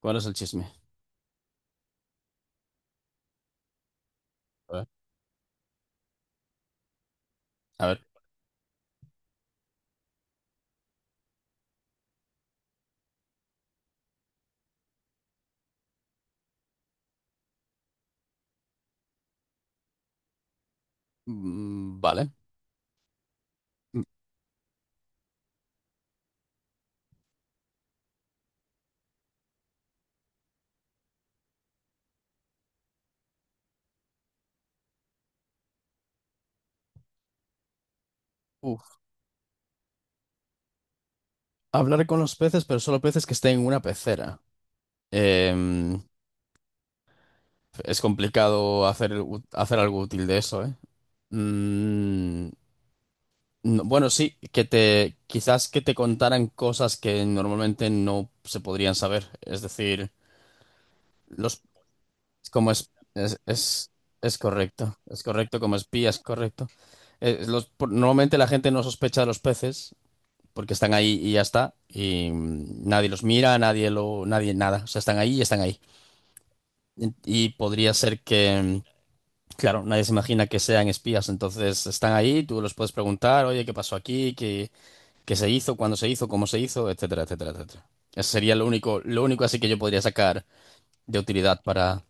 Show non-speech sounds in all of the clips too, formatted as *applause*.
¿Cuál es el chisme? A ver. A ver. Mm, vale. Mm, Uf. Hablar con los peces, pero solo peces que estén en una pecera. Em, es complicado hacer, hacer algo útil de eso, ¿eh? Mm, bueno, sí, quizás que te contaran cosas que normalmente no se podrían saber. Es decir, los, como es correcto. Es correcto como espías, correcto. Normalmente la gente no sospecha de los peces. Porque están ahí y ya está. Nadie los mira, nadie nada. O sea, están ahí y están ahí. Y podría ser que, claro, nadie se imagina que sean espías. Entonces están ahí, tú los puedes preguntar, oye, ¿qué pasó aquí? ¿Qué se hizo? ¿Cuándo se hizo? ¿Cómo se hizo? Etcétera, etcétera, etcétera. Eso sería lo único así que yo podría sacar de utilidad para.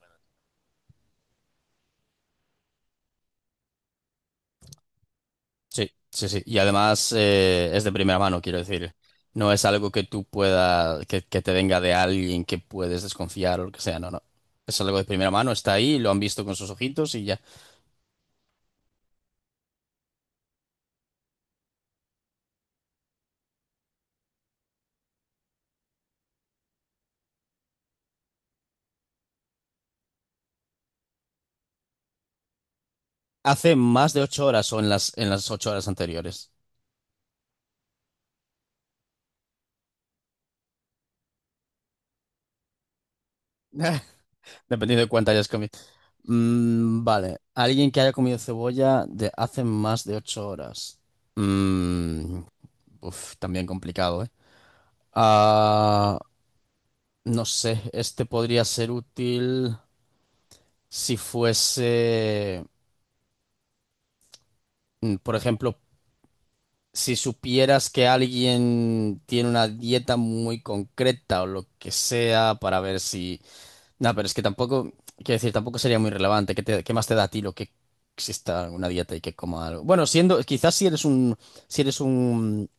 Sí, sí, sí. Y además es de primera mano, quiero decir. No es algo que tú puedas, que te venga de alguien que puedes desconfiar o lo que sea, no, no. Es algo de primera mano, está ahí, lo han visto con sus ojitos y ya. Hace más de 8 horas o en las 8 horas anteriores. *laughs* Dependiendo de cuánto hayas comido. Mm, vale. Alguien que haya comido cebolla de hace más de ocho horas. Mm, uf, también complicado, ¿eh? Ah, no sé, este podría ser útil. Si fuese, por ejemplo, si supieras que alguien tiene una dieta muy concreta o lo que sea para ver si. No, pero es que tampoco, quiero decir, tampoco sería muy relevante. Qué más te da a ti lo que exista una dieta y que coma algo? Bueno, siendo, quizás si eres un,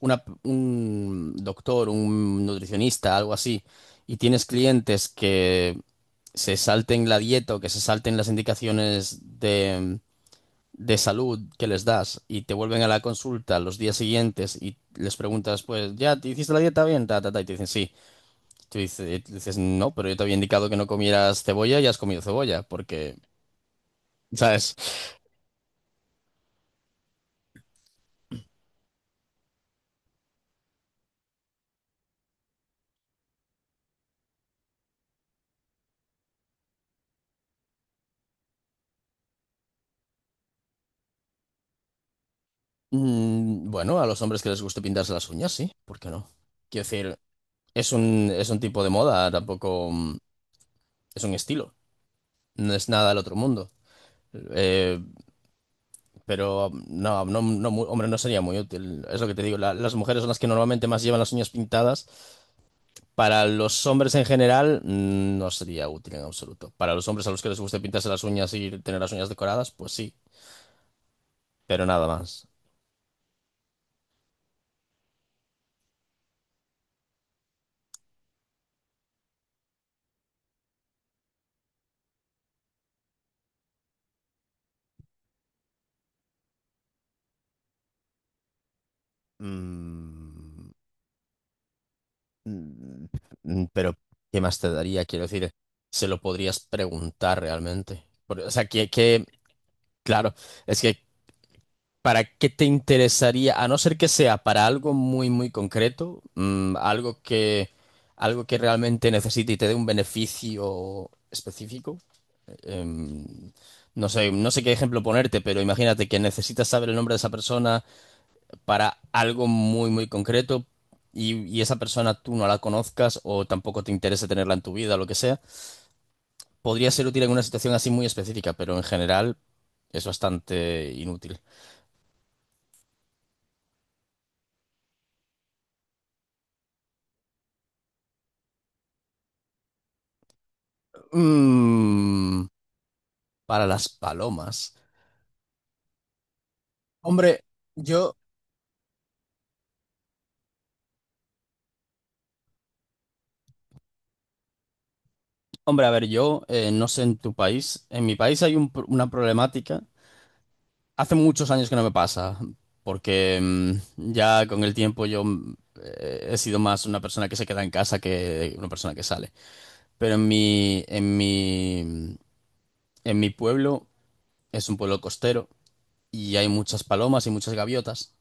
un doctor, un nutricionista, algo así, y tienes clientes que se salten la dieta o que se salten las indicaciones de salud que les das y te vuelven a la consulta los días siguientes y les preguntas, pues, ¿ya te hiciste la dieta bien? Ta, ta, ta, y te dicen sí. Tú dices, no, pero yo te había indicado que no comieras cebolla y has comido cebolla, porque, ¿sabes? Bueno, a los hombres que les guste pintarse las uñas, sí, ¿por qué no? Quiero decir, es un tipo de moda, tampoco es un estilo, no es nada del otro mundo. Eh, pero no, no, no, hombre, no sería muy útil. Es lo que te digo, las mujeres son las que normalmente más llevan las uñas pintadas. Para los hombres en general, no sería útil en absoluto. Para los hombres a los que les guste pintarse las uñas y tener las uñas decoradas, pues sí, pero nada más. Mm, mm, pero, ¿qué más te daría? Quiero decir, se lo podrías preguntar realmente. O sea, claro, es que, ¿para qué te interesaría? A no ser que sea para algo muy, muy concreto, algo que realmente necesite y te dé un beneficio específico. em, no sé qué ejemplo ponerte, pero imagínate que necesitas saber el nombre de esa persona para algo muy, muy concreto y esa persona tú no la conozcas o tampoco te interesa tenerla en tu vida, lo que sea. Podría ser útil en una situación así muy específica, pero en general es bastante inútil. Mm, para las palomas. Hombre, yo, Hombre, a ver, yo no sé en tu país, en mi país hay una problemática. Hace muchos años que no me pasa, porque ya con el tiempo yo he sido más una persona que se queda en casa que una persona que sale. Pero en mi pueblo es un pueblo costero y hay muchas palomas y muchas gaviotas.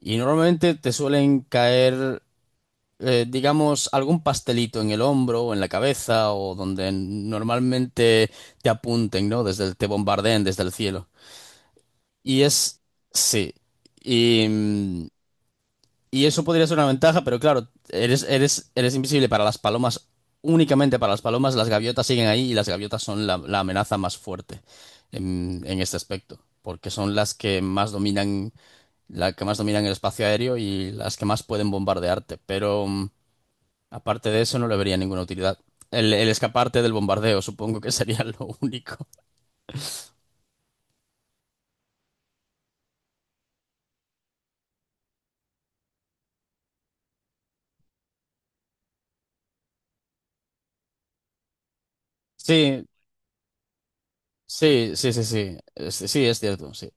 Y normalmente te suelen caer, digamos, algún pastelito en el hombro o en la cabeza o donde normalmente te apunten, ¿no? Te bombardeen desde el cielo. Y es, sí. Y, mm, Y eso podría ser una ventaja, pero claro, eres invisible para las palomas, únicamente para las palomas, las gaviotas siguen ahí y las gaviotas son la amenaza más fuerte en este aspecto, porque son las que más dominan, la que más dominan el espacio aéreo y las que más pueden bombardearte, pero aparte de eso no le vería ninguna utilidad. El escaparte del bombardeo, supongo que *laughs* sería lo único. Sí, sí, sí, sí, sí, sí, es cierto, sí.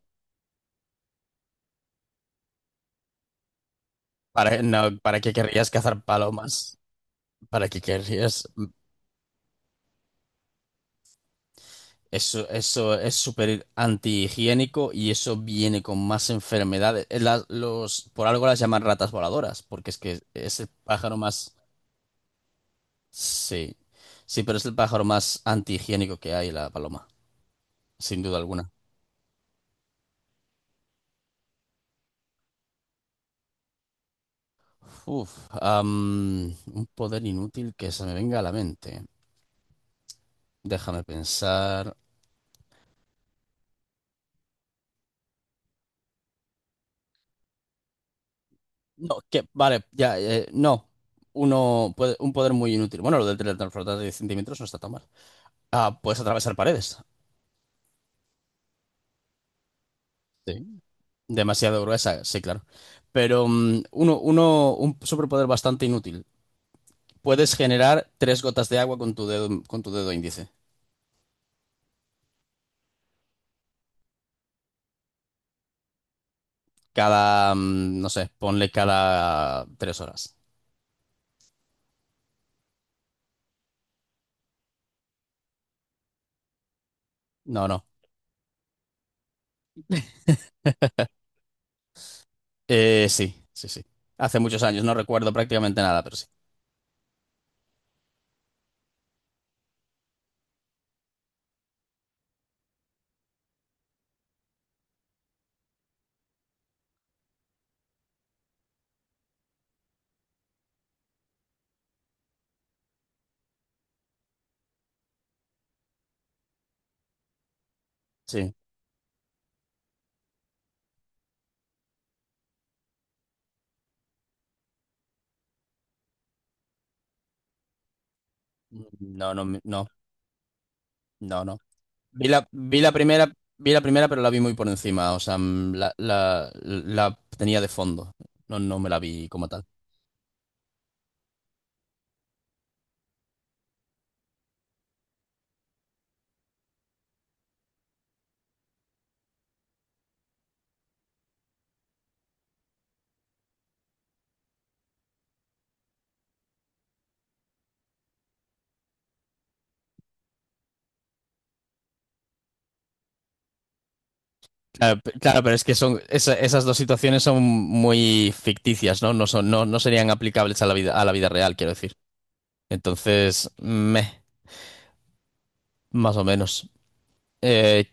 No, ¿para qué querrías cazar palomas? ¿Para qué querrías? Eso es súper antihigiénico y eso viene con más enfermedades. Por algo las llaman ratas voladoras, porque es que es el pájaro más. Sí, sí, pero es el pájaro más antihigiénico que hay, la paloma, sin duda alguna. Uf, am, un poder inútil que se me venga a la mente. Déjame pensar. No, que, vale, ya, no. Un poder muy inútil. Bueno, lo del teletransportar de 10 centímetros no está tan mal. Ah, puedes atravesar paredes. Sí. Demasiado gruesa, sí, claro. Pero un superpoder bastante inútil. Puedes generar tres gotas de agua con tu dedo índice. No sé, ponle cada 3 horas. No, no. Sí, sí, sí. Hace muchos años, no recuerdo prácticamente nada, pero sí. Sí. No, no, no, no, no. Vi la, vi la primera, vi la primera, pero la vi muy por encima. O sea, la tenía de fondo. No, no me la vi como tal. Claro, pero es que son esas dos situaciones son muy ficticias, ¿no? No serían aplicables a la vida real, quiero decir. Entonces, más o menos. Eh,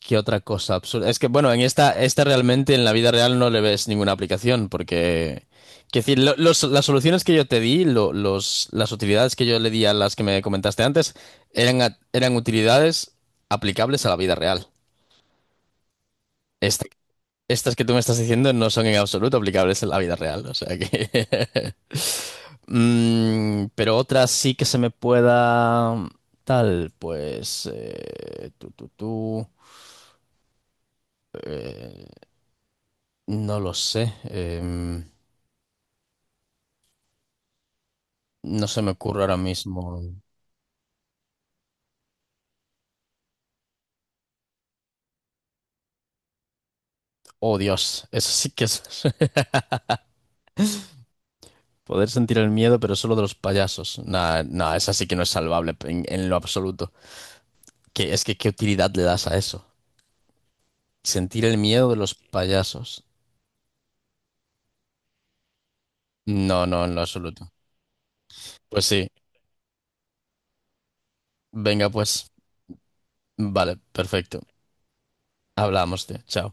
¿Qué otra cosa absurda? Es que, bueno, esta realmente en la vida real no le ves ninguna aplicación, porque, quiero decir, las soluciones que yo te di, las utilidades que yo le di a las que me comentaste antes, eran utilidades aplicables a la vida real. Estas que tú me estás diciendo no son en absoluto aplicables en la vida real, o sea que *laughs* Pero otras sí que se me pueda. Tal, pues, no lo sé. No se me ocurre ahora mismo. Oh, Dios, eso sí que es *laughs* Poder sentir el miedo, pero solo de los payasos. Nah, nah, esa sí que no es salvable en lo absoluto. ¿Que es que qué utilidad le das a eso? Sentir el miedo de los payasos. No, no, en lo absoluto. Pues sí. Venga, pues, vale, perfecto. Hablamos de, chao.